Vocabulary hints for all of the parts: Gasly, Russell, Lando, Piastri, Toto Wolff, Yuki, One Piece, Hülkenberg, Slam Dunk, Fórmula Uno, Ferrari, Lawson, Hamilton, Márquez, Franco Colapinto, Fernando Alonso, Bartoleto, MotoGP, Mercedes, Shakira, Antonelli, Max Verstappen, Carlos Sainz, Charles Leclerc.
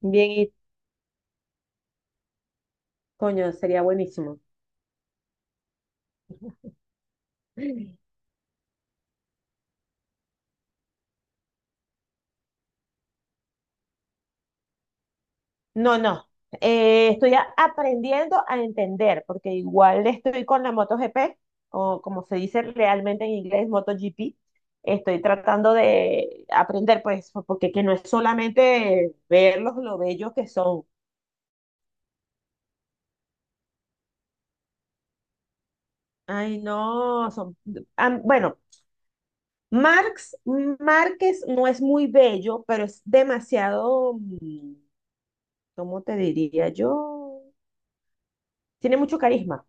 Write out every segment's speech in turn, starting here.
Bien, y coño, sería buenísimo. No, no. Estoy aprendiendo a entender, porque igual estoy con la MotoGP, o como se dice realmente en inglés, MotoGP. Estoy tratando de aprender, pues, porque que no es solamente verlos lo bellos que son. Ay, no, son. Bueno, Marx, Márquez no es muy bello, pero es demasiado, ¿cómo te diría yo? Tiene mucho carisma.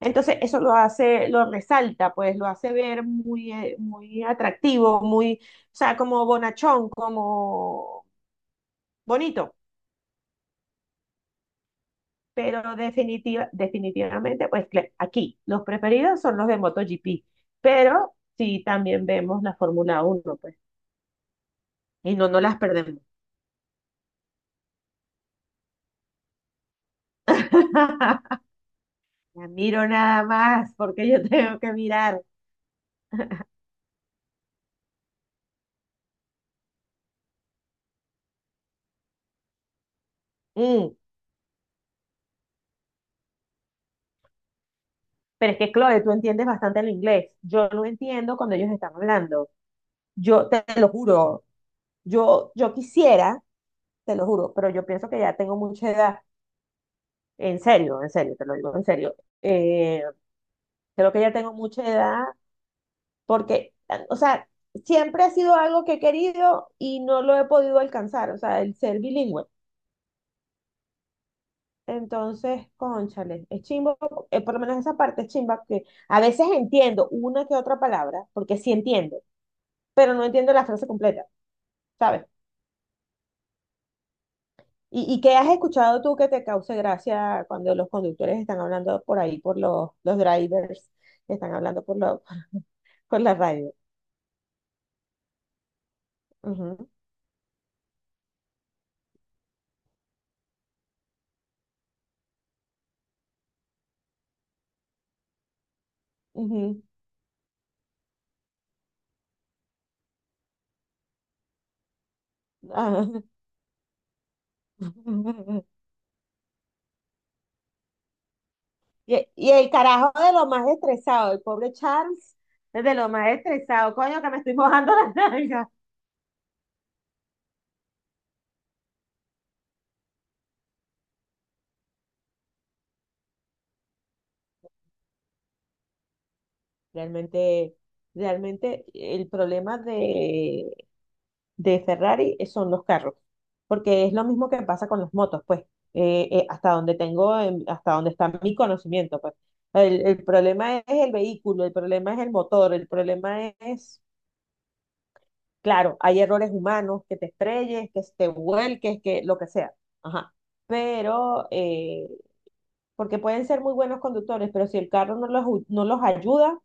Entonces eso lo hace, lo resalta, pues lo hace ver muy, muy atractivo, muy, o sea, como bonachón, como bonito. Pero definitivamente, pues aquí los preferidos son los de MotoGP, pero sí también vemos la Fórmula Uno, pues, y no, no las perdemos. La miro nada más porque yo tengo que mirar. Mm, Pero es que, Chloe, tú entiendes bastante el inglés. Yo lo entiendo cuando ellos están hablando. Yo te lo juro. Yo quisiera, te lo juro, pero yo pienso que ya tengo mucha edad, en serio, te lo digo en serio. eh, Creo que ya tengo mucha edad porque, o sea, siempre ha sido algo que he querido y no lo he podido alcanzar, o sea, el ser bilingüe. Entonces, cónchale, es chimbo, por lo menos esa parte es chimba, que a veces entiendo una que otra palabra, porque sí entiendo, pero no entiendo la frase completa, ¿sabes? ¿Y qué has escuchado tú que te cause gracia cuando los conductores están hablando por ahí, por los drivers, están hablando por la radio? Ujú, ujú, ajá. Y el carajo de lo más estresado, el pobre Charles es de lo más estresado, coño, que me estoy mojando las nalgas. Realmente, realmente el problema de Ferrari, son los carros, porque es lo mismo que pasa con las motos, pues, hasta donde está mi conocimiento, pues. El problema es el vehículo, el problema es el motor, el problema es, claro, hay errores humanos, que te estrelles, que te vuelques, que lo que sea, ajá. Pero, porque pueden ser muy buenos conductores, pero si el carro no los, no los ayuda.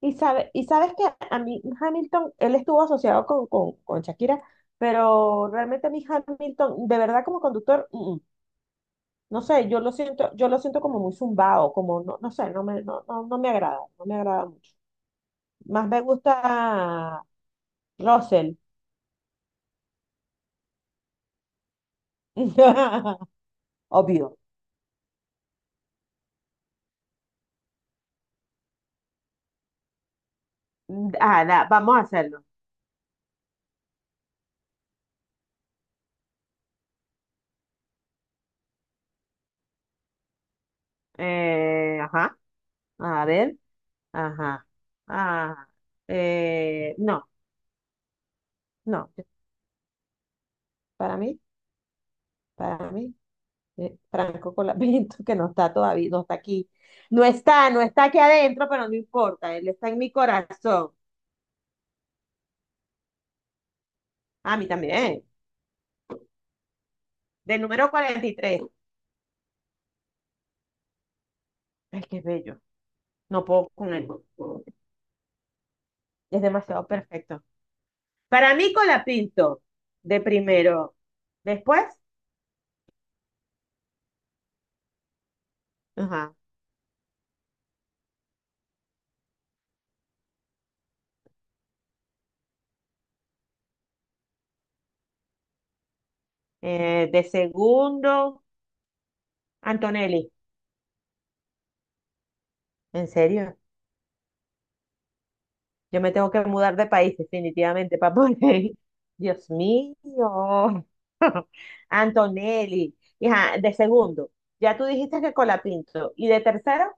Y sabes que a mí Hamilton, él estuvo asociado con, con Shakira, pero realmente a mí Hamilton, de verdad como conductor, mm, mm. No sé, yo lo siento como muy zumbado, como no, no sé, no me, no, no, no me agrada, no me agrada mucho. Más me gusta Russell. Obvio. Ah, da, vamos a hacerlo. Ajá. A ver. Ajá. Ah, no, no. Para mí, para mí, Franco Colapinto. Que no está todavía, no está aquí. No está aquí adentro, pero no importa, él está en mi corazón. A mí también. Del número 43. Ay, qué bello. No puedo con él. Es demasiado perfecto. Para mí, Colapinto, de primero. Después, ajá, de segundo, Antonelli. ¿En serio? Yo me tengo que mudar de país definitivamente para poder ir. Dios mío. Antonelli. Hija, de segundo, ya tú dijiste que Colapinto. Y de tercero,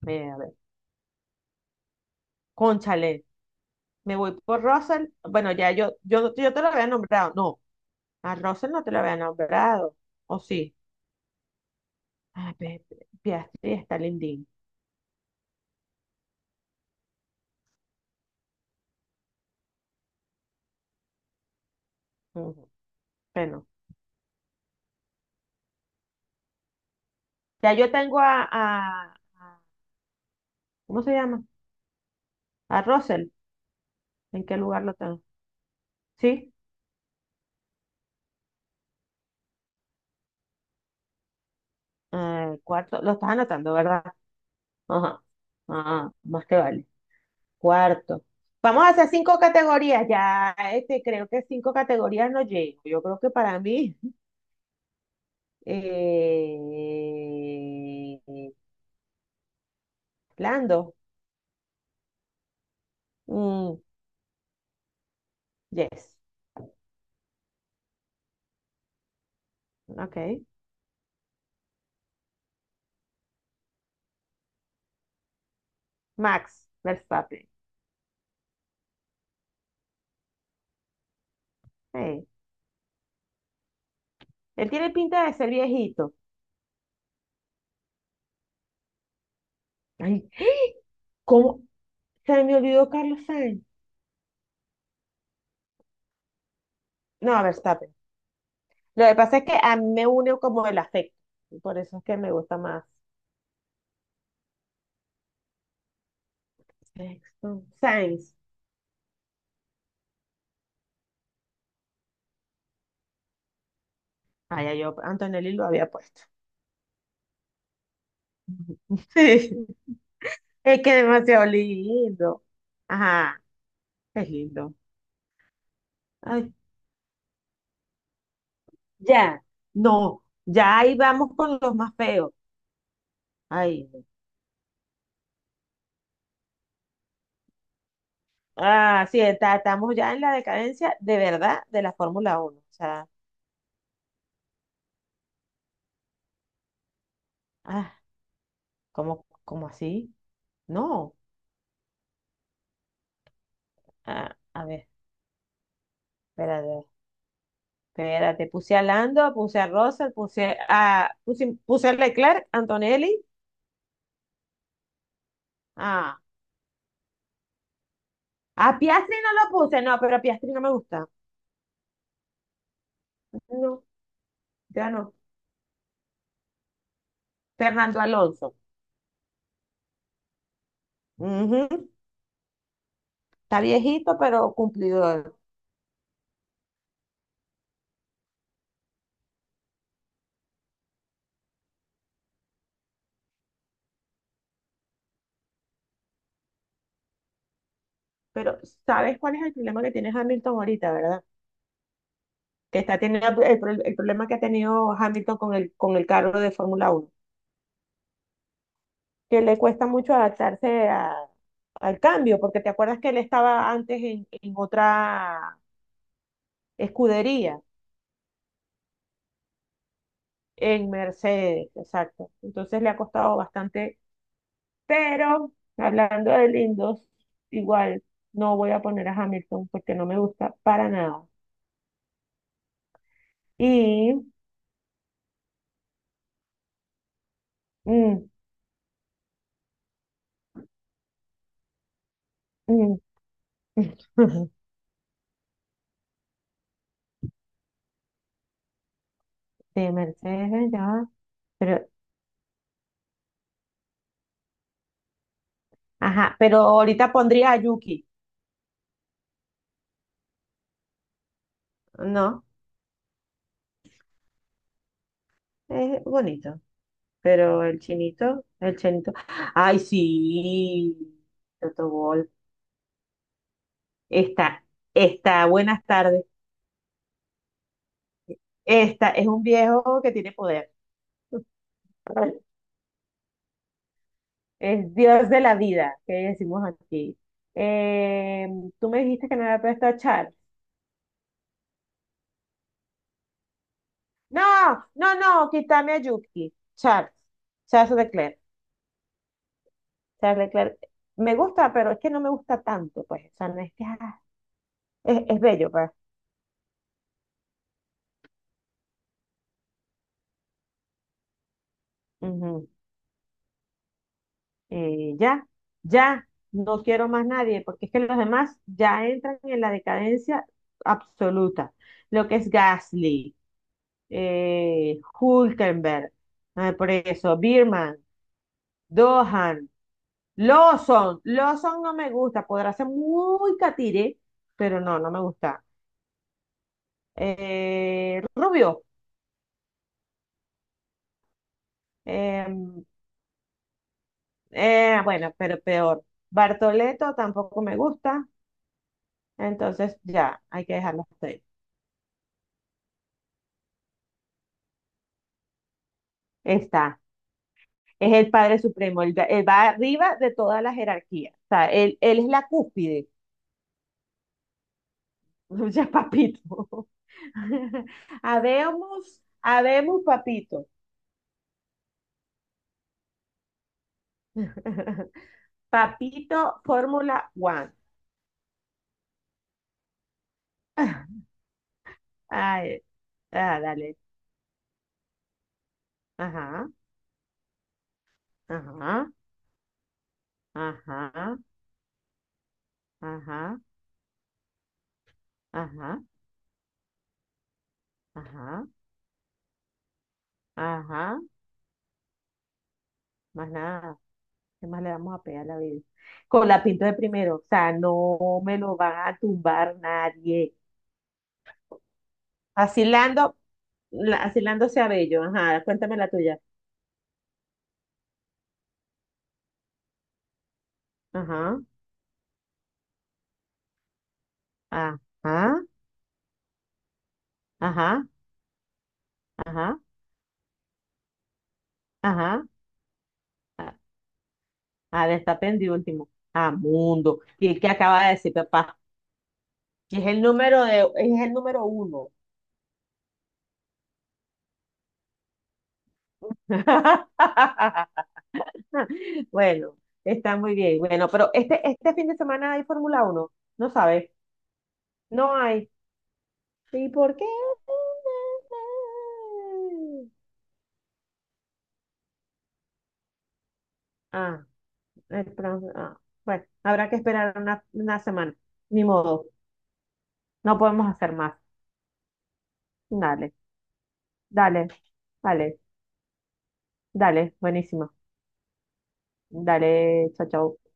mira, a ver, cónchale, me voy por Russell. Bueno, ya yo te lo había nombrado. No, a Russell no te lo había nombrado. ¿O sí? Ah, Piastri está lindín. Ujú. Bueno, ya yo tengo ¿cómo se llama? A Russell. ¿En qué lugar lo tengo? ¿Sí? Cuarto, lo estás anotando, ¿verdad? Ajá. Ah, más te vale. Cuarto. Vamos a hacer cinco categorías. Ya, creo que cinco categorías no llego. Yo creo que para mí, eh, Lando. Mm, yes. Ok. Max Verstappen. Hey. Él tiene pinta de ser viejito. Ay, ¿cómo? Se me olvidó Carlos Sainz. No, Verstappen. Lo que pasa es que a mí me une como el afecto. Por eso es que me gusta más. Sexto, Sainz. Ah, ya yo Antonelli lo había puesto. Sí, es que es demasiado lindo. Ajá, es lindo. Ay, ya, no, ya ahí vamos con los más feos. Ay, no. Ah, sí, estamos ya en la decadencia de verdad de la Fórmula Uno. O sea, ah, ¿cómo así. No, ah, a ver, espérate, espérate. Puse a Lando, puse a Russell, puse a Leclerc, Antonelli. Ah, a Piastri no lo puse, no, pero Piastri no me gusta. No, ya no. Fernando Alonso. Ujú. Está viejito, pero cumplidor. Pero ¿sabes cuál es el problema que tiene Hamilton ahorita, verdad? Que está teniendo el problema que ha tenido Hamilton con el carro de Fórmula Uno, que le cuesta mucho adaptarse al cambio, porque te acuerdas que él estaba antes en otra escudería, en Mercedes, exacto. Entonces le ha costado bastante. Pero hablando de lindos, igual no voy a poner a Hamilton porque no me gusta para nada. Y mm, mm, de Mercedes ya, pero ajá, pero ahorita pondría a Yuki. No, es bonito, pero el chinito, el chinito. Ay, sí, Toto Wolff. Está, está, buenas tardes. Esta es un viejo que tiene poder. Es Dios de la vida, que decimos aquí. Eh, tú me dijiste que no había puesto a Charles. No, no, no, quítame a Yuki. Charles Leclerc. Charles Leclerc. Me gusta, pero es que no me gusta tanto, pues. O sea, no es que es, bello, pues. Ujú. Ya, ya, no quiero más nadie, porque es que los demás ya entran en la decadencia absoluta. Lo que es Gasly, Hülkenberg, ah, por eso, Birman, Dohan. Lawson. Lawson no me gusta. Podrá ser muy catire, pero no, no me gusta. Rubio. eh, bueno, pero peor. Bartoleto tampoco me gusta. Entonces ya, hay que dejarlo hasta ahí. Está. Es el Padre Supremo. Él va arriba de toda la jerarquía. O sea, él es la cúspide. Ya papito. Habemos, habemos, papito. Papito Fórmula One. Ay, ah, dale. Ajá, ajá, ajá, ajá, ajá, ajá, ajá. Más nada. ¿Qué más le vamos a pegar a la vida? Con la pinto de primero. O sea, no me lo van a tumbar nadie. Asilando, Asilándose a Bello. Ajá, cuéntame la tuya. Ajá, ajá, ajá, ajá, ajá. Ah, ah, está pendiente último. Ah, mundo. ¿Y qué acaba de decir, papá? Y es el número uno. Bueno, está muy bien. Bueno, pero este fin de semana hay Fórmula uno, no sabes, no hay. ¿Y por qué? Ah, el pro- ah, bueno, habrá que esperar una semana. Ni modo, no podemos hacer más. Dale, dale, dale, dale, buenísimo. Dale, chao, chao.